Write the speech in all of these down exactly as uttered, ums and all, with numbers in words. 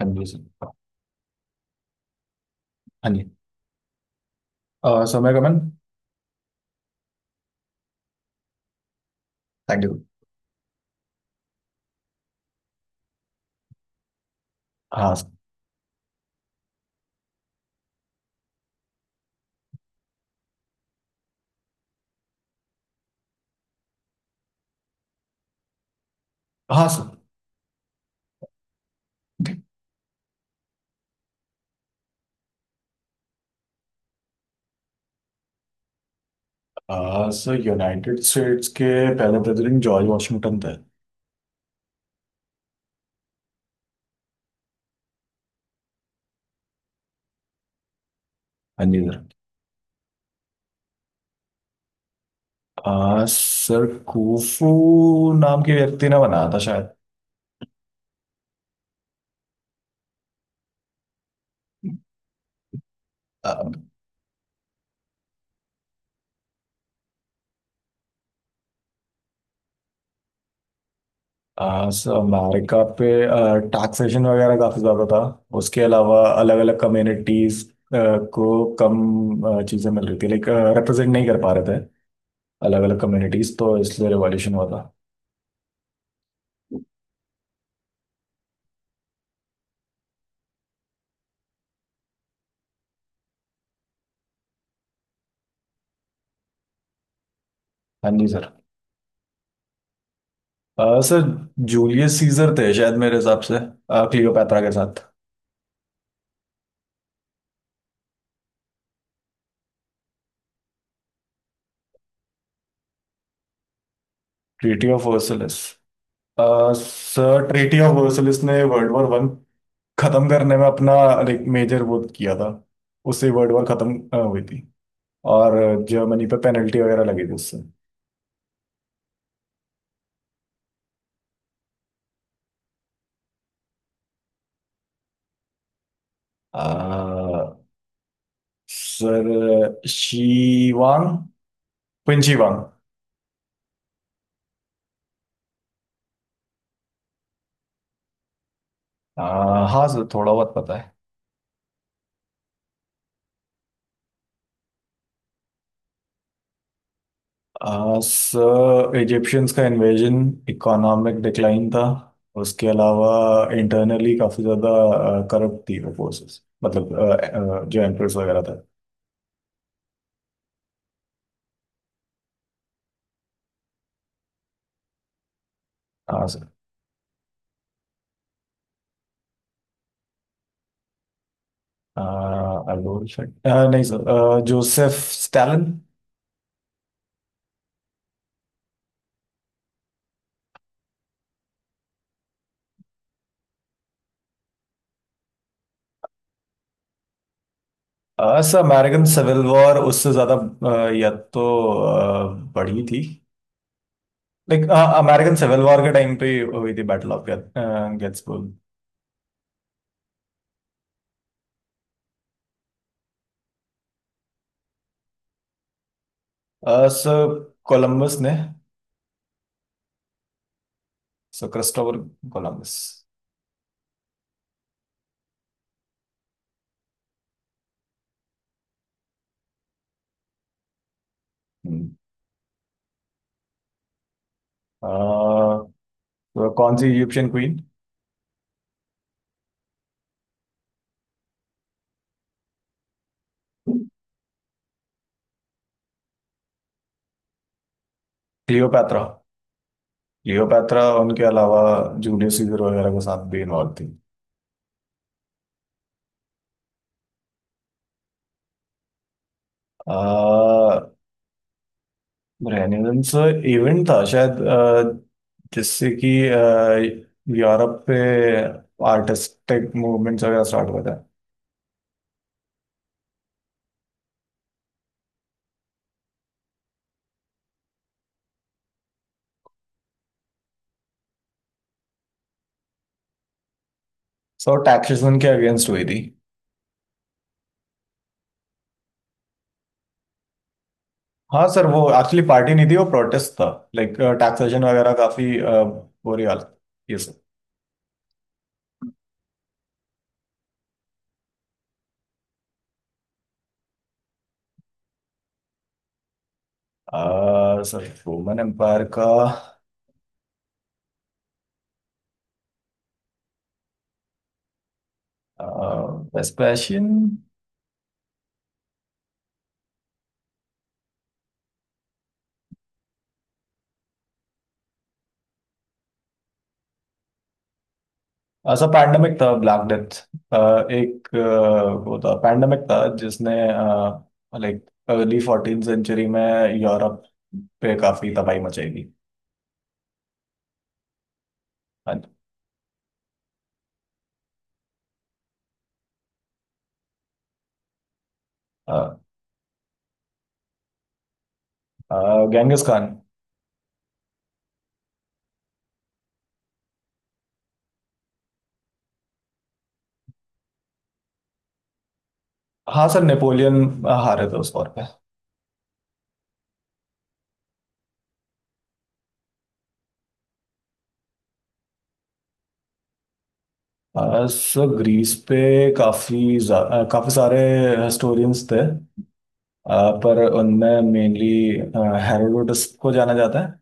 Amazing. Onion. Uh, so Megaman, thank you. हाँ sir. हाँ sir. अ, सर यूनाइटेड स्टेट्स के पहले प्रेसिडेंट जॉर्ज वाशिंगटन थे। हाँ जी सर। आ, सर कुफू नाम के व्यक्ति ने बनाया था शायद। आ, सर अमेरिका पे टैक्सेशन वगैरह काफी ज्यादा था। उसके अलावा अलग अलग कम्युनिटीज को कम अ, चीजें मिल रही थी, लाइक रिप्रेजेंट नहीं कर पा रहे थे अलग अलग कम्युनिटीज, तो इसलिए रिवॉल्यूशन हुआ था। हाँ जी सर। आ, सर जूलियस सीजर थे शायद मेरे हिसाब से। आ, क्लियोपैत्रा के साथ। Treaty of Versailles. आ, सर ट्रीटी ऑफ वर्सलिस ने वर्ल्ड वॉर वन खत्म करने में अपना, लाइक मेजर वो किया था। उससे वर्ल्ड वॉर खत्म आ, हुई थी और जर्मनी पे पेनल्टी वगैरह लगी थी उससे। आ, सर शीवांग, पिंशीवांग। हाँ सर थोड़ा बहुत पता है। सर इजिप्शियंस का इन्वेजन, इकोनॉमिक डिक्लाइन था। उसके अलावा इंटरनली काफ़ी ज़्यादा करप्ट थी वो फोर्सेस, मतलब अ, अ, जो एम्प्रेस वगैरह था। हाँ सर। अल्बोल, नहीं सर, अ, जोसेफ स्टालिन। अ, सर अमेरिकन सिविल वॉर उससे ज़्यादा अ, या तो अ, बड़ी थी, लाइक अमेरिकन सिविल वॉर के टाइम पे हुई थी battle of Gettysburg. Sir Columbus ने। Sir Christopher Columbus. हम्म। आ, तो कौन सी इजिप्शियन क्वीन? क्लियोपैत्रा। क्लियोपैत्रा उनके अलावा जूलियस सीजर वगैरह के साथ भी इन्वॉल्व थी। आ, रेनेसांस इवेंट था शायद, आ, जिससे कि आ, यूरोप पे आर्टिस्टिक मूवमेंट्स वगैरह स्टार्ट हुआ था। सो टैक्सेशन के अगेंस्ट हुई थी। हाँ सर वो एक्चुअली पार्टी नहीं थी, वो प्रोटेस्ट था। लाइक टैक्सेशन वगैरह काफी आ, बुरी हालत, ये सर। आ, सर रोमन एम्पायर का अह, वेस्पेशियन। ऐसा पैंडमिक था ब्लैक डेथ। एक अ, वो था, पैंडमिक था जिसने, लाइक, अर्ली फोर्टीन सेंचुरी में यूरोप पे काफी तबाही मचाई थी। हाँ जी। अ, अ, गेंगिस खान। हाँ सर नेपोलियन हारे थे उस वॉर पे। अ, सर ग्रीस पे काफी जा- अ, काफी सारे हिस्टोरियंस थे, अ, पर उनमें मेनली हेरोडोटस को जाना जाता है।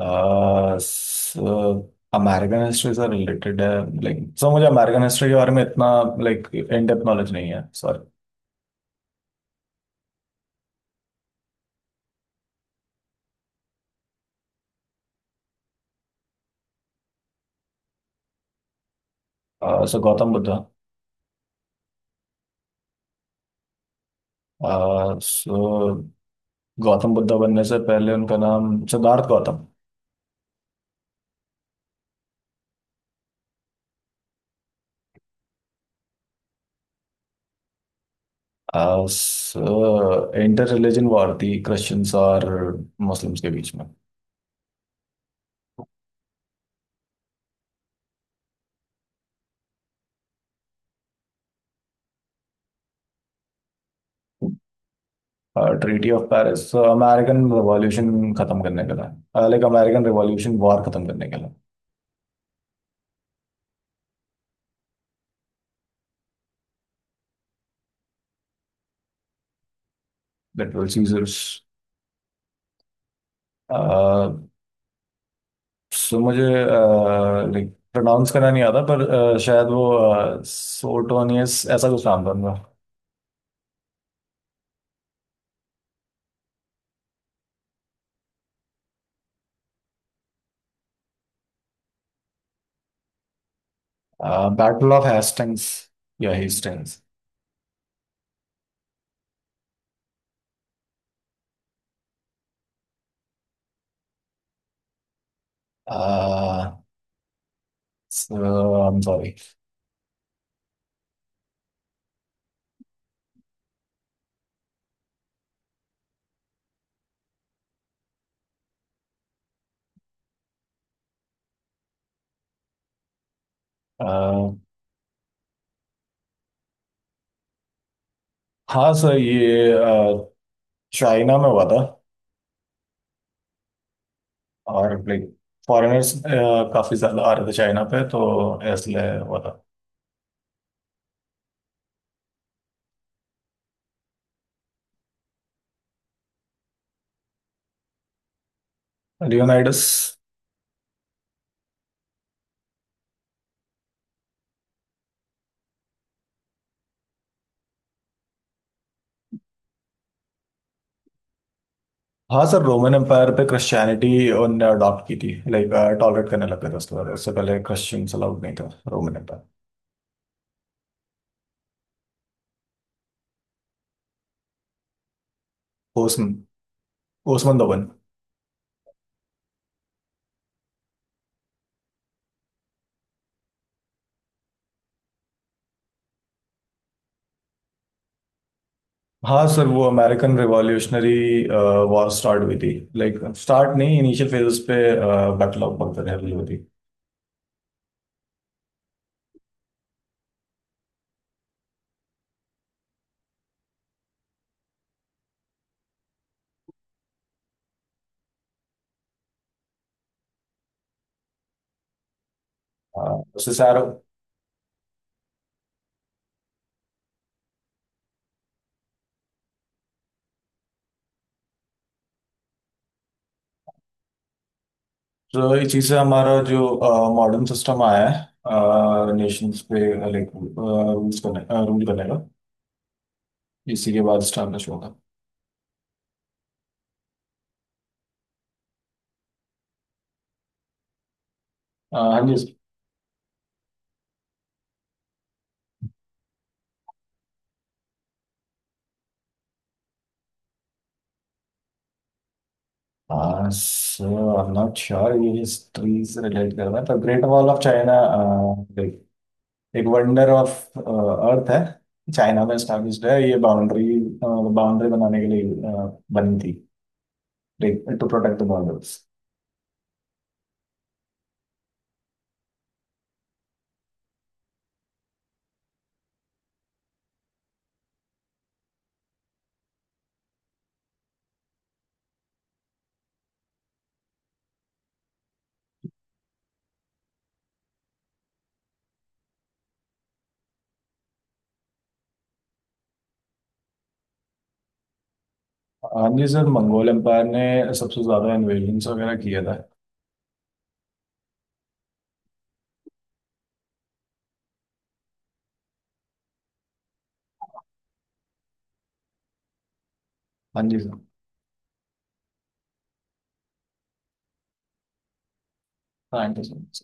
आ, स, अमेरिकन हिस्ट्री से रिलेटेड है, लाइक, सो मुझे अमेरिकन हिस्ट्री के बारे में इतना, लाइक, इन डेप्थ नॉलेज नहीं है, sorry. So Gautam Buddha. So Gautam Buddha बनने से पहले उनका नाम Siddharth Gautam. So inter religion war थी क्रिश्चियंस और मुस्लिम्स के बीच में। Treaty of Paris American revolution खत्म करने के लिए, लाइक अमेरिकन रिवॉल्यूशन वॉर खत्म करने के लिए। Literal Caesars. सो मुझे, लाइक, प्रोनाउंस करना नहीं आता पर अ, शायद वो सोटोनियस ऐसा कुछ नाम था उनका। बैटल ऑफ हेस्टिंग्स या Hastings. So I am sorry. हाँ सर ये चाइना में हुआ था। और, लाइक, फॉरेनर्स काफ़ी ज़्यादा आ रहे थे चाइना पे, तो इसलिए हुआ था। लियोनाइडस। हाँ सर रोमन एम्पायर पे क्रिश्चियनिटी उनने अडॉप्ट की थी, लाइक टॉलरेट करने लग गए थे उसके बाद। उससे पहले क्रिश्चियंस अलाउड नहीं था रोमन एम्पायर। ओसमन, ओसमन दोवन। हाँ सर वो अमेरिकन रिवॉल्यूशनरी वॉर स्टार्ट हुई थी, लाइक स्टार्ट नहीं इनिशियल फेजेस पे बैटल ऑफ बंकर हिल हुई थी। हाँ, उससे सर। तो इस चीज़ से हमारा जो मॉडर्न सिस्टम आया है नेशंस पे, लाइक रूल्स करने रूल करने का इसी के बाद स्टार्निश होगा। अह, हाँ जी। हाँ so I am not sure ये हिस्ट्री से रिलेट कर रहा है पर ग्रेट वॉल ऑफ चाइना एक वंडर ऑफ अर्थ है। चाइना में स्टैब्लिश्ड है, ये बाउंड्री बाउंड्री बनाने के लिए अह, बनी थी, टू प्रोटेक्ट द बॉर्डर्स। हाँ जी सर मंगोल एम्पायर ने सबसे ज्यादा इन्वेजन वगैरह किया था। हाँ जी sir. Thank you so much.